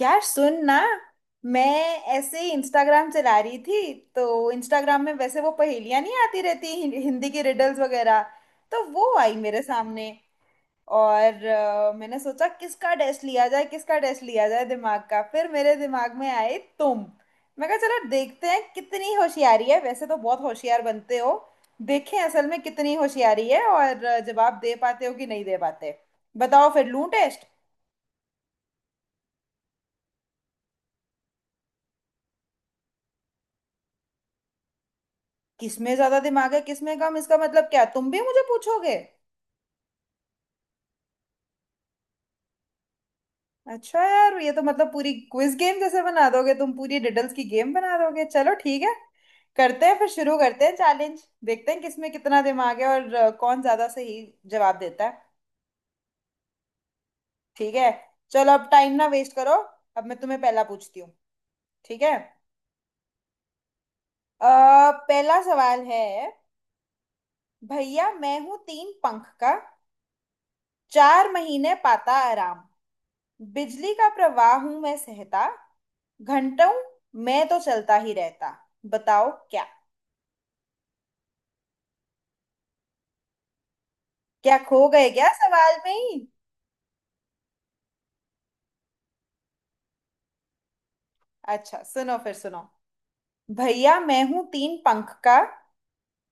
यार सुन ना। मैं ऐसे ही इंस्टाग्राम चला रही थी। तो इंस्टाग्राम में वैसे वो पहेलियां नहीं आती रहती हिंदी की रिडल्स वगैरह। तो वो आई मेरे सामने। और मैंने सोचा किसका टेस्ट लिया जाए, किसका टेस्ट लिया जाए दिमाग का। फिर मेरे दिमाग में आए तुम। मैं कहा चलो देखते हैं कितनी होशियारी है, वैसे तो बहुत होशियार बनते हो। देखें असल में कितनी होशियारी है। और जवाब दे पाते हो कि नहीं दे पाते। बताओ फिर लूं टेस्ट। किसमें ज्यादा दिमाग है किसमें कम, इसका मतलब क्या तुम भी मुझे पूछोगे? अच्छा यार, ये तो मतलब पूरी क्विज गेम जैसे बना दोगे तुम, पूरी डिडल्स की गेम बना दोगे। चलो ठीक है, करते हैं फिर। शुरू करते हैं चैलेंज, देखते हैं किसमें कितना दिमाग है और कौन ज्यादा सही जवाब देता है। ठीक है। चलो अब टाइम ना वेस्ट करो। अब मैं तुम्हें पहला पूछती हूँ। ठीक है। पहला सवाल है। भैया मैं हूँ तीन पंख का, 4 महीने पाता आराम, बिजली का प्रवाह हूं मैं सहता, घंटों मैं तो चलता ही रहता। बताओ क्या। क्या खो गए क्या सवाल में ही? अच्छा सुनो फिर, सुनो। भैया मैं हूं तीन पंख का,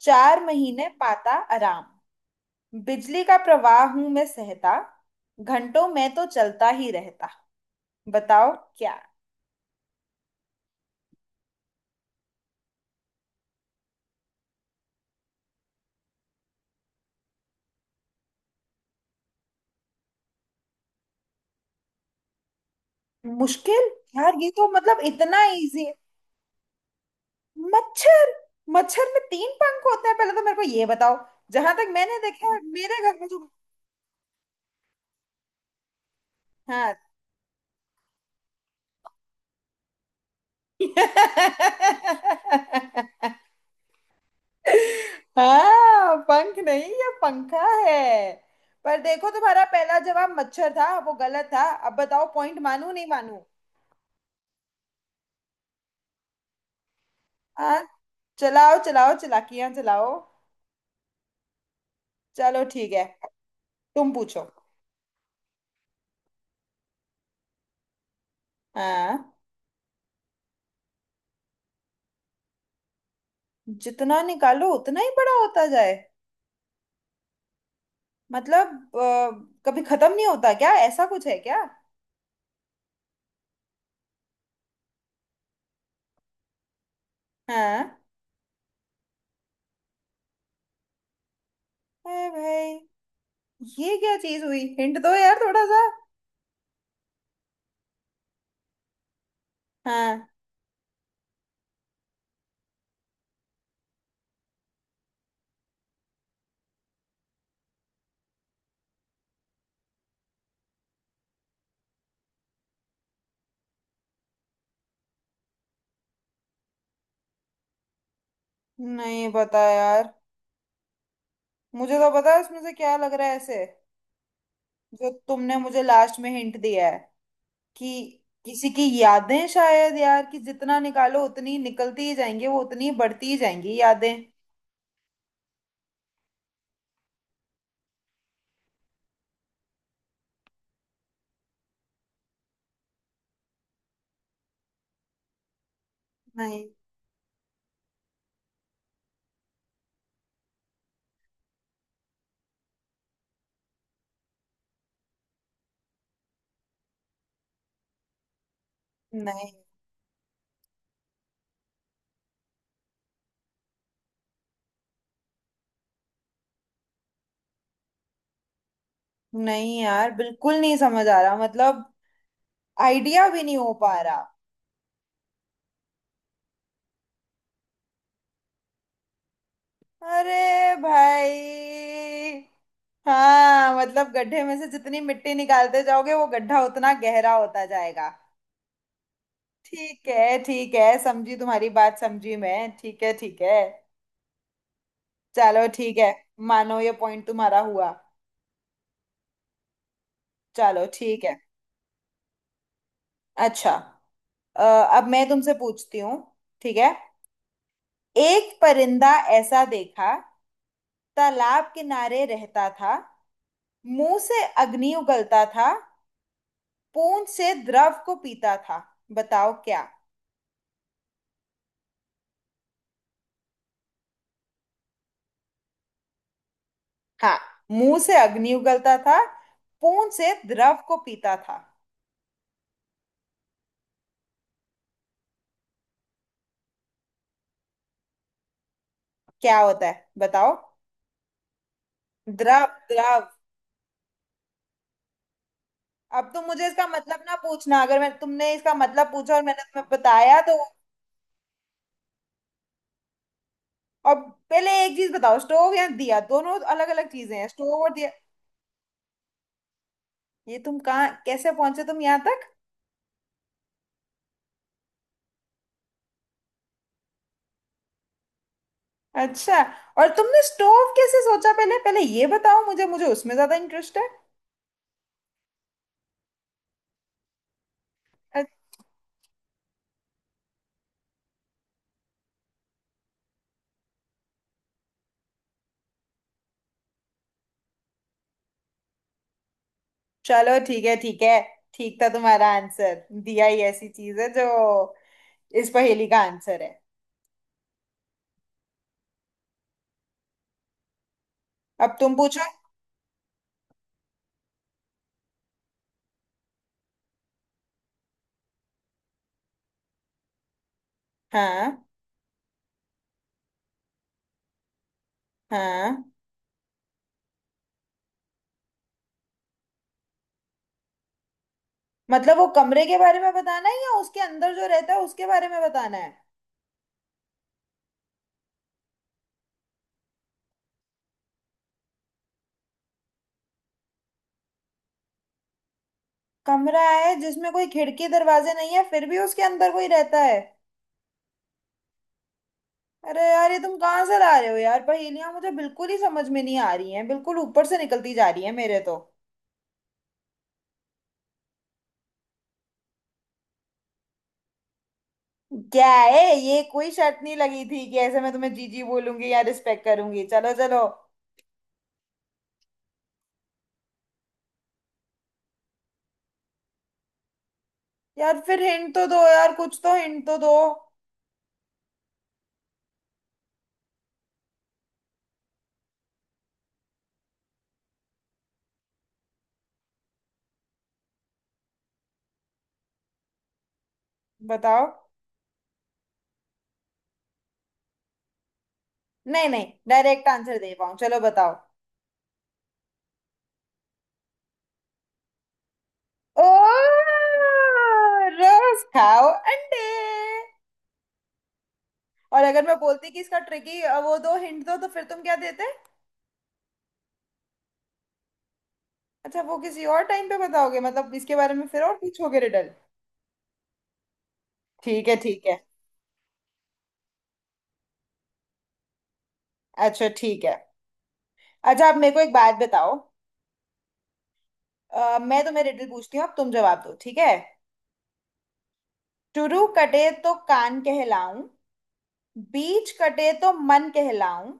चार महीने पाता आराम, बिजली का प्रवाह हूं मैं सहता, घंटों मैं तो चलता ही रहता। बताओ क्या। मुश्किल? यार ये तो मतलब इतना इजी है। मच्छर। मच्छर में तीन पंख होते हैं, पहले तो मेरे को ये बताओ। जहां तक मैंने देखा है मेरे घर में जो। हाँ। हाँ, पंख नहीं ये पंखा है। पर देखो तुम्हारा पहला जवाब मच्छर था, वो गलत था। अब बताओ पॉइंट मानू नहीं मानू। हाँ। चलाओ चलाओ चलाकियां चलाओ। चलो ठीक है। तुम पूछो। हाँ। जितना निकालो उतना ही बड़ा होता जाए। मतलब कभी खत्म नहीं होता क्या, ऐसा कुछ है क्या? हाँ। अरे भाई ये क्या चीज हुई, हिंट दो यार थोड़ा सा। हाँ। नहीं पता यार। मुझे तो पता है इसमें से क्या लग रहा है ऐसे, जो तुमने मुझे लास्ट में हिंट दिया है कि किसी की यादें शायद यार, कि जितना निकालो उतनी निकलती ही जाएंगी, वो उतनी बढ़ती ही जाएंगी यादें। नहीं, नहीं, नहीं यार, बिल्कुल नहीं समझ आ रहा मतलब। आइडिया भी नहीं हो पा रहा। अरे भाई। हाँ मतलब गड्ढे में से जितनी मिट्टी निकालते जाओगे वो गड्ढा उतना गहरा होता जाएगा। ठीक है ठीक है, समझी तुम्हारी बात, समझी मैं, ठीक है ठीक है। चलो ठीक है। मानो ये पॉइंट तुम्हारा हुआ। चलो ठीक है। अच्छा। अ, अब मैं तुमसे पूछती हूँ। ठीक है। एक परिंदा ऐसा देखा, तालाब किनारे रहता था, मुंह से अग्नि उगलता था, पूंछ से द्रव को पीता था। बताओ क्या। हाँ। मुंह से अग्नि उगलता था, पूंछ से द्रव को पीता था। क्या होता है बताओ? द्रव। द्रव। अब तो मुझे इसका मतलब ना पूछना, अगर मैं तुमने इसका मतलब पूछा और मैंने तुम्हें बताया तो। और पहले एक चीज बताओ, स्टोव या दिया दोनों अलग अलग चीजें हैं, स्टोव और दिया। ये तुम कहाँ कैसे पहुंचे तुम यहाँ तक? अच्छा। और तुमने स्टोव कैसे सोचा पहले, पहले ये बताओ मुझे मुझे उसमें ज्यादा इंटरेस्ट है। अ- चलो ठीक है ठीक है। ठीक था तुम्हारा आंसर, दिया ही ऐसी चीज है जो इस पहेली का आंसर है। अब तुम पूछो। हाँ। हाँ मतलब वो कमरे के बारे में बताना है या उसके अंदर जो रहता है उसके बारे में बताना है? कमरा है जिसमें कोई खिड़की दरवाजे नहीं है, फिर भी उसके अंदर कोई रहता है। अरे यार ये तुम कहाँ से ला रहे हो यार पहेलियां, मुझे बिल्कुल ही समझ में नहीं आ रही हैं, बिल्कुल ऊपर से निकलती जा रही है मेरे तो। क्या है ये, कोई शर्त नहीं लगी थी कि ऐसे मैं तुम्हें जीजी बोलूंगी या रिस्पेक्ट करूंगी। चलो चलो। यार फिर हिंट तो दो यार, कुछ तो हिंट तो दो। बताओ। नहीं नहीं, डायरेक्ट आंसर दे पाऊँ चलो बताओ। ओह रोज खाओ अंडे। और अगर मैं बोलती कि इसका ट्रिकी वो दो, हिंट दो तो फिर तुम क्या देते? अच्छा वो किसी और टाइम पे बताओगे, मतलब इसके बारे में फिर और पूछोगे रिडल। ठीक है ठीक है। अच्छा ठीक है। अच्छा आप मेरे को एक बात बताओ। मैं तुम्हें रिडल पूछती हूँ, अब तुम जवाब दो, ठीक है। शुरू कटे तो कान कहलाऊं, बीच कटे तो मन कहलाऊं,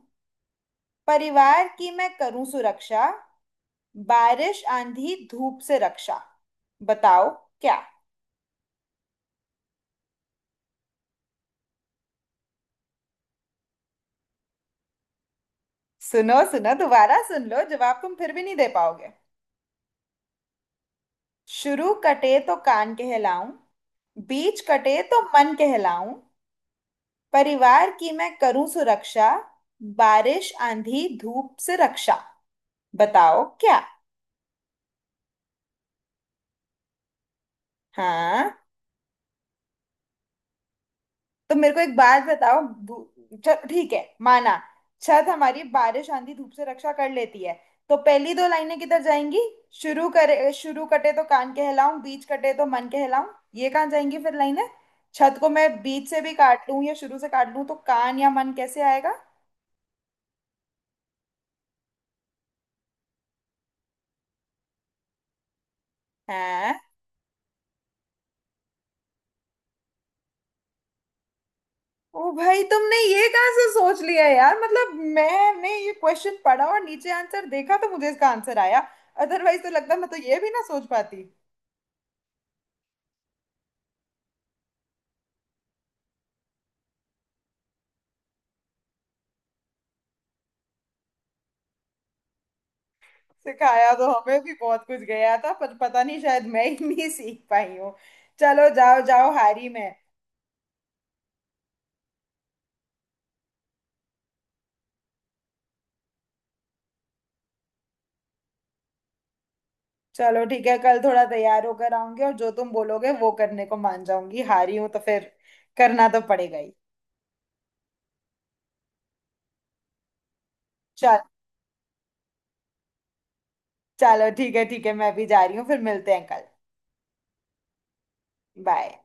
परिवार की मैं करूं सुरक्षा, बारिश आंधी धूप से रक्षा। बताओ क्या। सुनो सुनो दोबारा सुन लो, जवाब तुम फिर भी नहीं दे पाओगे। शुरू कटे तो कान कहलाऊं, बीच कटे तो मन कहलाऊं, परिवार की मैं करूं सुरक्षा, बारिश आंधी धूप से रक्षा। बताओ क्या। हाँ, तो मेरे को एक बात बताओ, चल ठीक है माना छत हमारी बारिश आंधी धूप से रक्षा कर लेती है, तो पहली दो लाइनें किधर जाएंगी? शुरू कटे तो कान कहलाऊं, बीच कटे तो मन कहलाऊं, ये कहाँ जाएंगी फिर लाइनें? छत को मैं बीच से भी काट लूं या शुरू से काट लूं तो कान या मन कैसे आएगा? हैं? ओ भाई तुमने ये कहाँ से सोच लिया यार, मतलब मैंने ये क्वेश्चन पढ़ा और नीचे आंसर देखा तो मुझे इसका आंसर आया। अदरवाइज तो लगता मैं तो ये भी ना सोच पाती। सिखाया तो हमें भी बहुत कुछ गया था, पर पता नहीं शायद मैं ही नहीं सीख पाई हूँ। चलो जाओ जाओ हारी में। चलो ठीक है, कल थोड़ा तैयार होकर आऊंगी और जो तुम बोलोगे वो करने को मान जाऊंगी, हारी हूं तो फिर करना तो पड़ेगा ही। चल चलो ठीक है ठीक है, मैं भी जा रही हूँ, फिर मिलते हैं कल। बाय।